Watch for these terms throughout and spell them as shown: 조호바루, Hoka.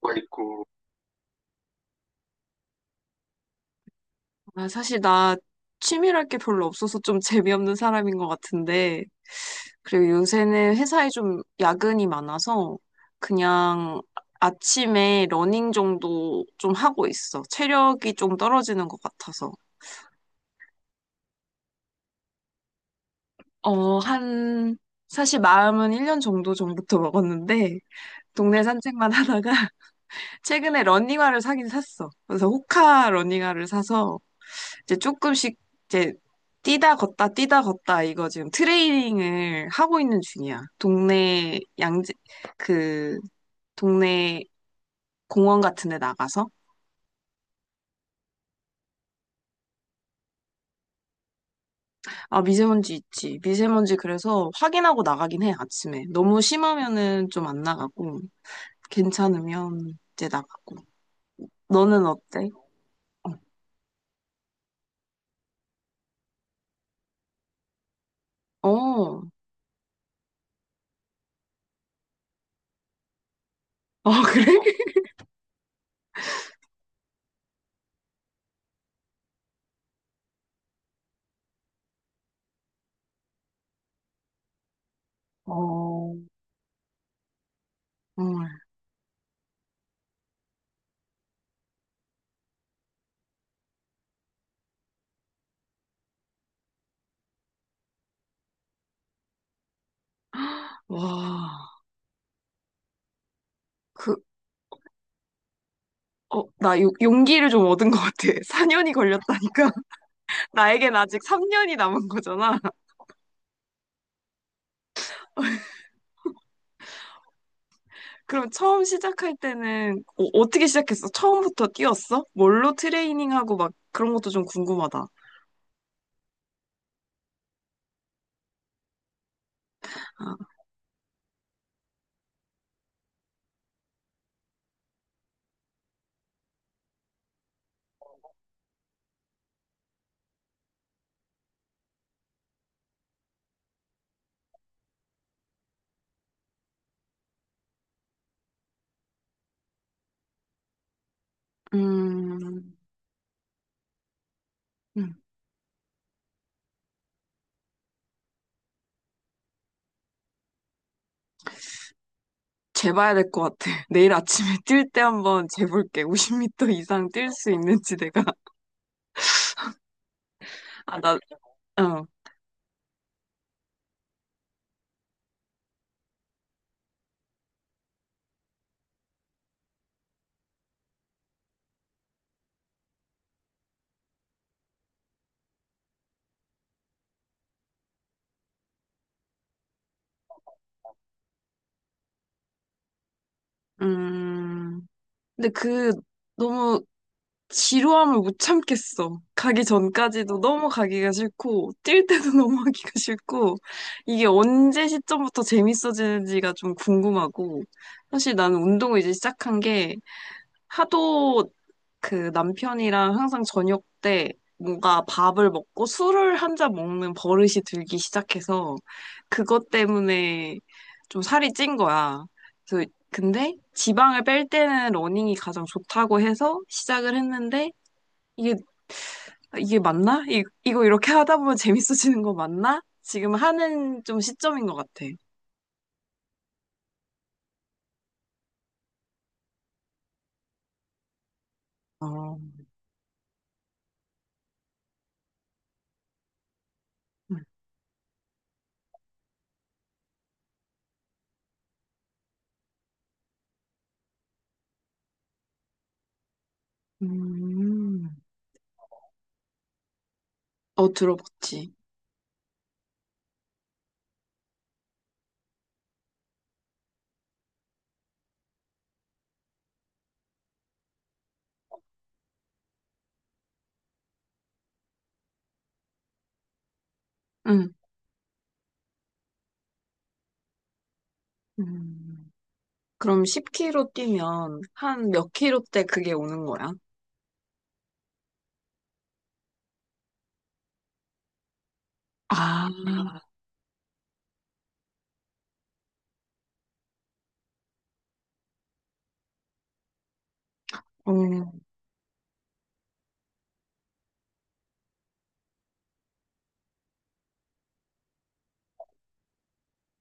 거 있고. 아, 사실 나 취미랄 게 별로 없어서 좀 재미없는 사람인 것 같은데, 그리고 요새는 회사에 좀 야근이 많아서 그냥 아침에 러닝 정도 좀 하고 있어. 체력이 좀 떨어지는 것 같아서. 어, 한, 사실 마음은 1년 정도 전부터 먹었는데, 동네 산책만 하다가 최근에 러닝화를 사긴 샀어. 그래서 호카 러닝화를 사서 이제 조금씩 이제 뛰다 걷다 뛰다 걷다 이거 지금 트레이닝을 하고 있는 중이야. 동네 양재 그 동네 공원 같은 데 나가서 아, 미세먼지 있지. 미세먼지 그래서 확인하고 나가긴 해 아침에. 너무 심하면은 좀 안 나가고 괜찮으면 이제 나가고. 너는 어때? 어. 어. 아, 그래? 어. 정말. 와. 그, 어, 나 용기를 좀 얻은 것 같아. 4년이 걸렸다니까. 나에겐 아직 3년이 남은 거잖아. 그럼 처음 시작할 때는 떻게 시작했어? 처음부터 뛰었어? 뭘로 트레이닝하고 막 그런 것도 좀 궁금하다. 아, 음, 음, 재봐야 될 것 같아. 내일 아침에 뛸 때 한번 재볼게. 50m 이상 뛸 수 있는지 내가. 아, 나, 어, 음. 근데 너무 지루함을 못 참겠어. 가기 전까지도 너무 가기가 싫고, 뛸 때도 너무 하기가 싫고, 이게 언제 시점부터 재밌어지는지가 좀 궁금하고, 사실 나는 운동을 이제 시작한 게 하도 그 남편이랑 항상 저녁 때 뭔가 밥을 먹고 술을 한 잔 먹는 버릇이 들기 시작해서, 그것 때문에 좀 살이 찐 거야. 그래서 근데 지방을 뺄 때는 러닝이 가장 좋다고 해서 시작을 했는데, 이게, 이게 맞나? 이거 이렇게 하다 보면 재밌어지는 거 맞나? 지금 하는 좀 시점인 것 같아. 어, 음, 음. 어, 들어봤지. 응. 음. 그럼 10km 뛰면 한 몇 킬로 때 그게 오는 거야? 아, 어.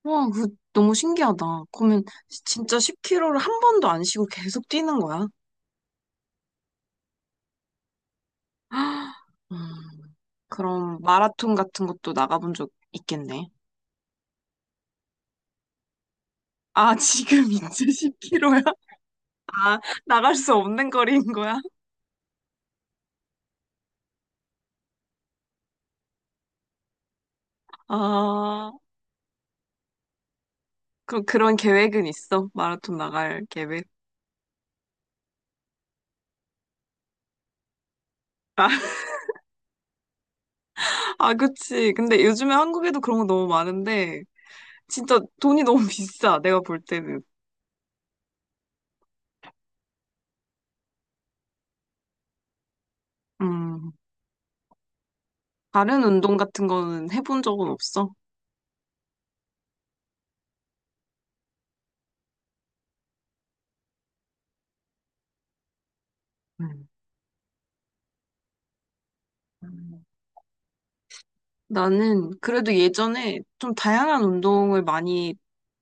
와, 너무 신기하다. 그러면 진짜 10km를 한 번도 안 쉬고 계속 뛰는 거야? 헉, 그럼 마라톤 같은 것도 나가본 적 있겠네. 아, 지금 이제 10km야. 아, 나갈 수 없는 거리인 거야? 아, 그럼 그런 계획은 있어? 마라톤 나갈 계획? 아, 그치. 근데 요즘에 한국에도 그런 거 너무 많은데, 진짜 돈이 너무 비싸, 내가 볼 때는. 음, 다른 운동 같은 거는 해본 적은 없어? 음. 음. 나는 그래도 예전에 좀 다양한 운동을 많이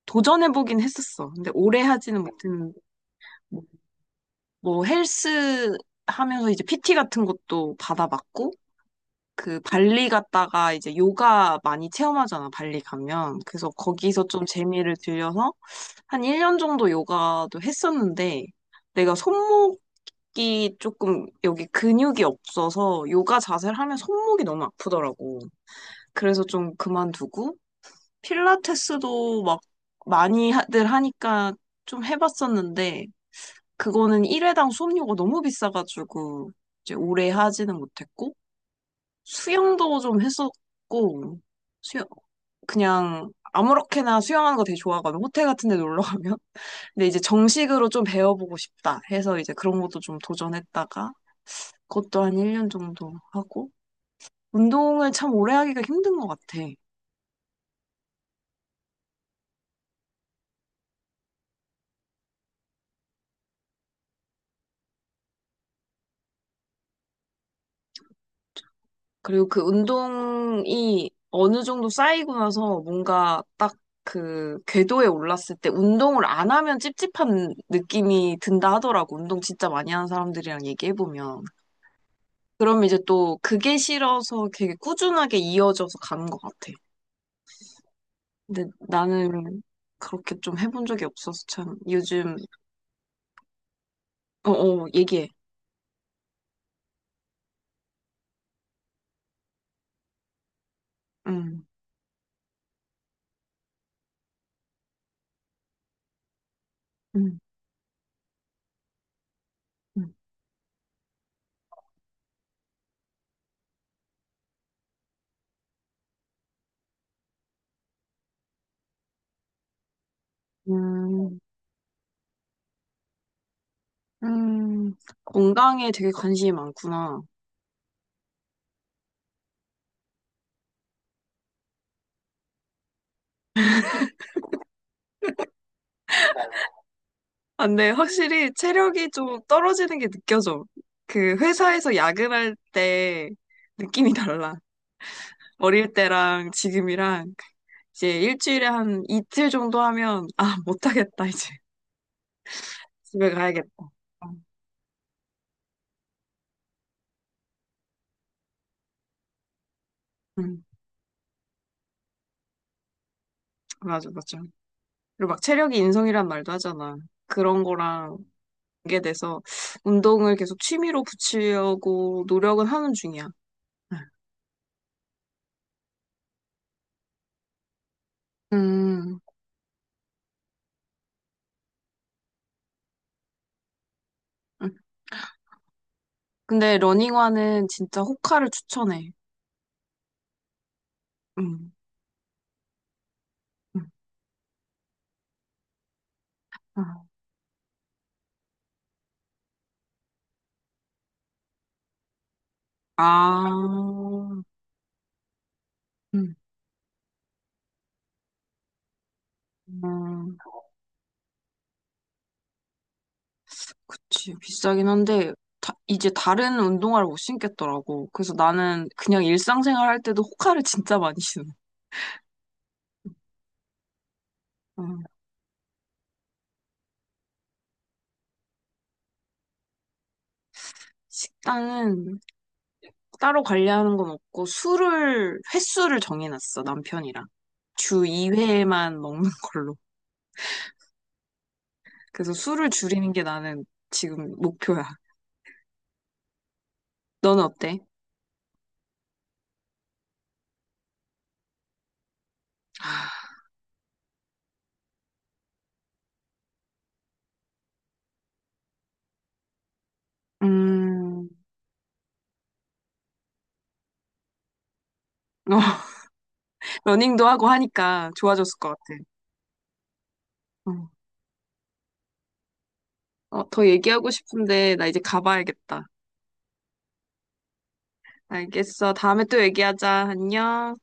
도전해보긴 했었어. 근데 오래 하지는 못했는데, 뭐 헬스 하면서 이제 PT 같은 것도 받아봤고, 그 발리 갔다가 이제 요가 많이 체험하잖아, 발리 가면. 그래서 거기서 좀 재미를 들려서 한 1년 정도 요가도 했었는데 내가 손목이 조금 여기 근육이 없어서 요가 자세를 하면 손목이 너무 아프더라고. 그래서 좀 그만두고 필라테스도 막 많이들 하니까 좀 해봤었는데 그거는 1회당 수업료가 너무 비싸가지고 이제 오래 하지는 못했고 수영도 좀 했었고, 수영, 그냥 아무렇게나 수영하는 거 되게 좋아하거든. 호텔 같은 데 놀러 가면. 근데 이제 정식으로 좀 배워보고 싶다 해서 이제 그런 것도 좀 도전했다가, 그것도 한 1년 정도 하고, 운동을 참 오래 하기가 힘든 것 같아. 그리고 그 운동이 어느 정도 쌓이고 나서 뭔가 딱 그 궤도에 올랐을 때 운동을 안 하면 찝찝한 느낌이 든다 하더라고. 운동 진짜 많이 하는 사람들이랑 얘기해보면. 그럼 이제 또 그게 싫어서 되게 꾸준하게 이어져서 가는 것 같아. 근데 나는 그렇게 좀 해본 적이 없어서 참 요즘, 어, 어, 얘기해. 음, 음, 음, 음, 음. 건강에 되게 관심이 많구나. 아, 근데 확실히 체력이 좀 떨어지는 게 느껴져. 그 회사에서 야근할 때 느낌이 달라. 어릴 때랑 지금이랑 이제 일주일에 한 이틀 정도 하면 아, 못하겠다, 이제. 집에 가야겠다. 응, 맞아, 맞아. 그리고 막 체력이 인성이란 말도 하잖아. 그런 거랑 연계돼서 운동을 계속 취미로 붙이려고 노력은 하는 중이야. 응. 음, 응. 근데 러닝화는 진짜 호카를 추천해. 응, 응, 응. 아, 응, 음, 음, 그치. 비싸긴 한데, 이제 다른 운동화를 못 신겠더라고. 그래서 나는 그냥 일상생활 할 때도 호카를 진짜 많이 신어. 어, 식단은 따로 관리하는 건 없고 술을 횟수를 정해놨어 남편이랑 주 2회만 먹는 걸로. 그래서 술을 줄이는 게 나는 지금 목표야. 너는 어때? 음, 어, 러닝도 하고 하니까 좋아졌을 것 같아. 응. 어, 더 얘기하고 싶은데 나 이제 가봐야겠다. 알겠어. 다음에 또 얘기하자. 안녕.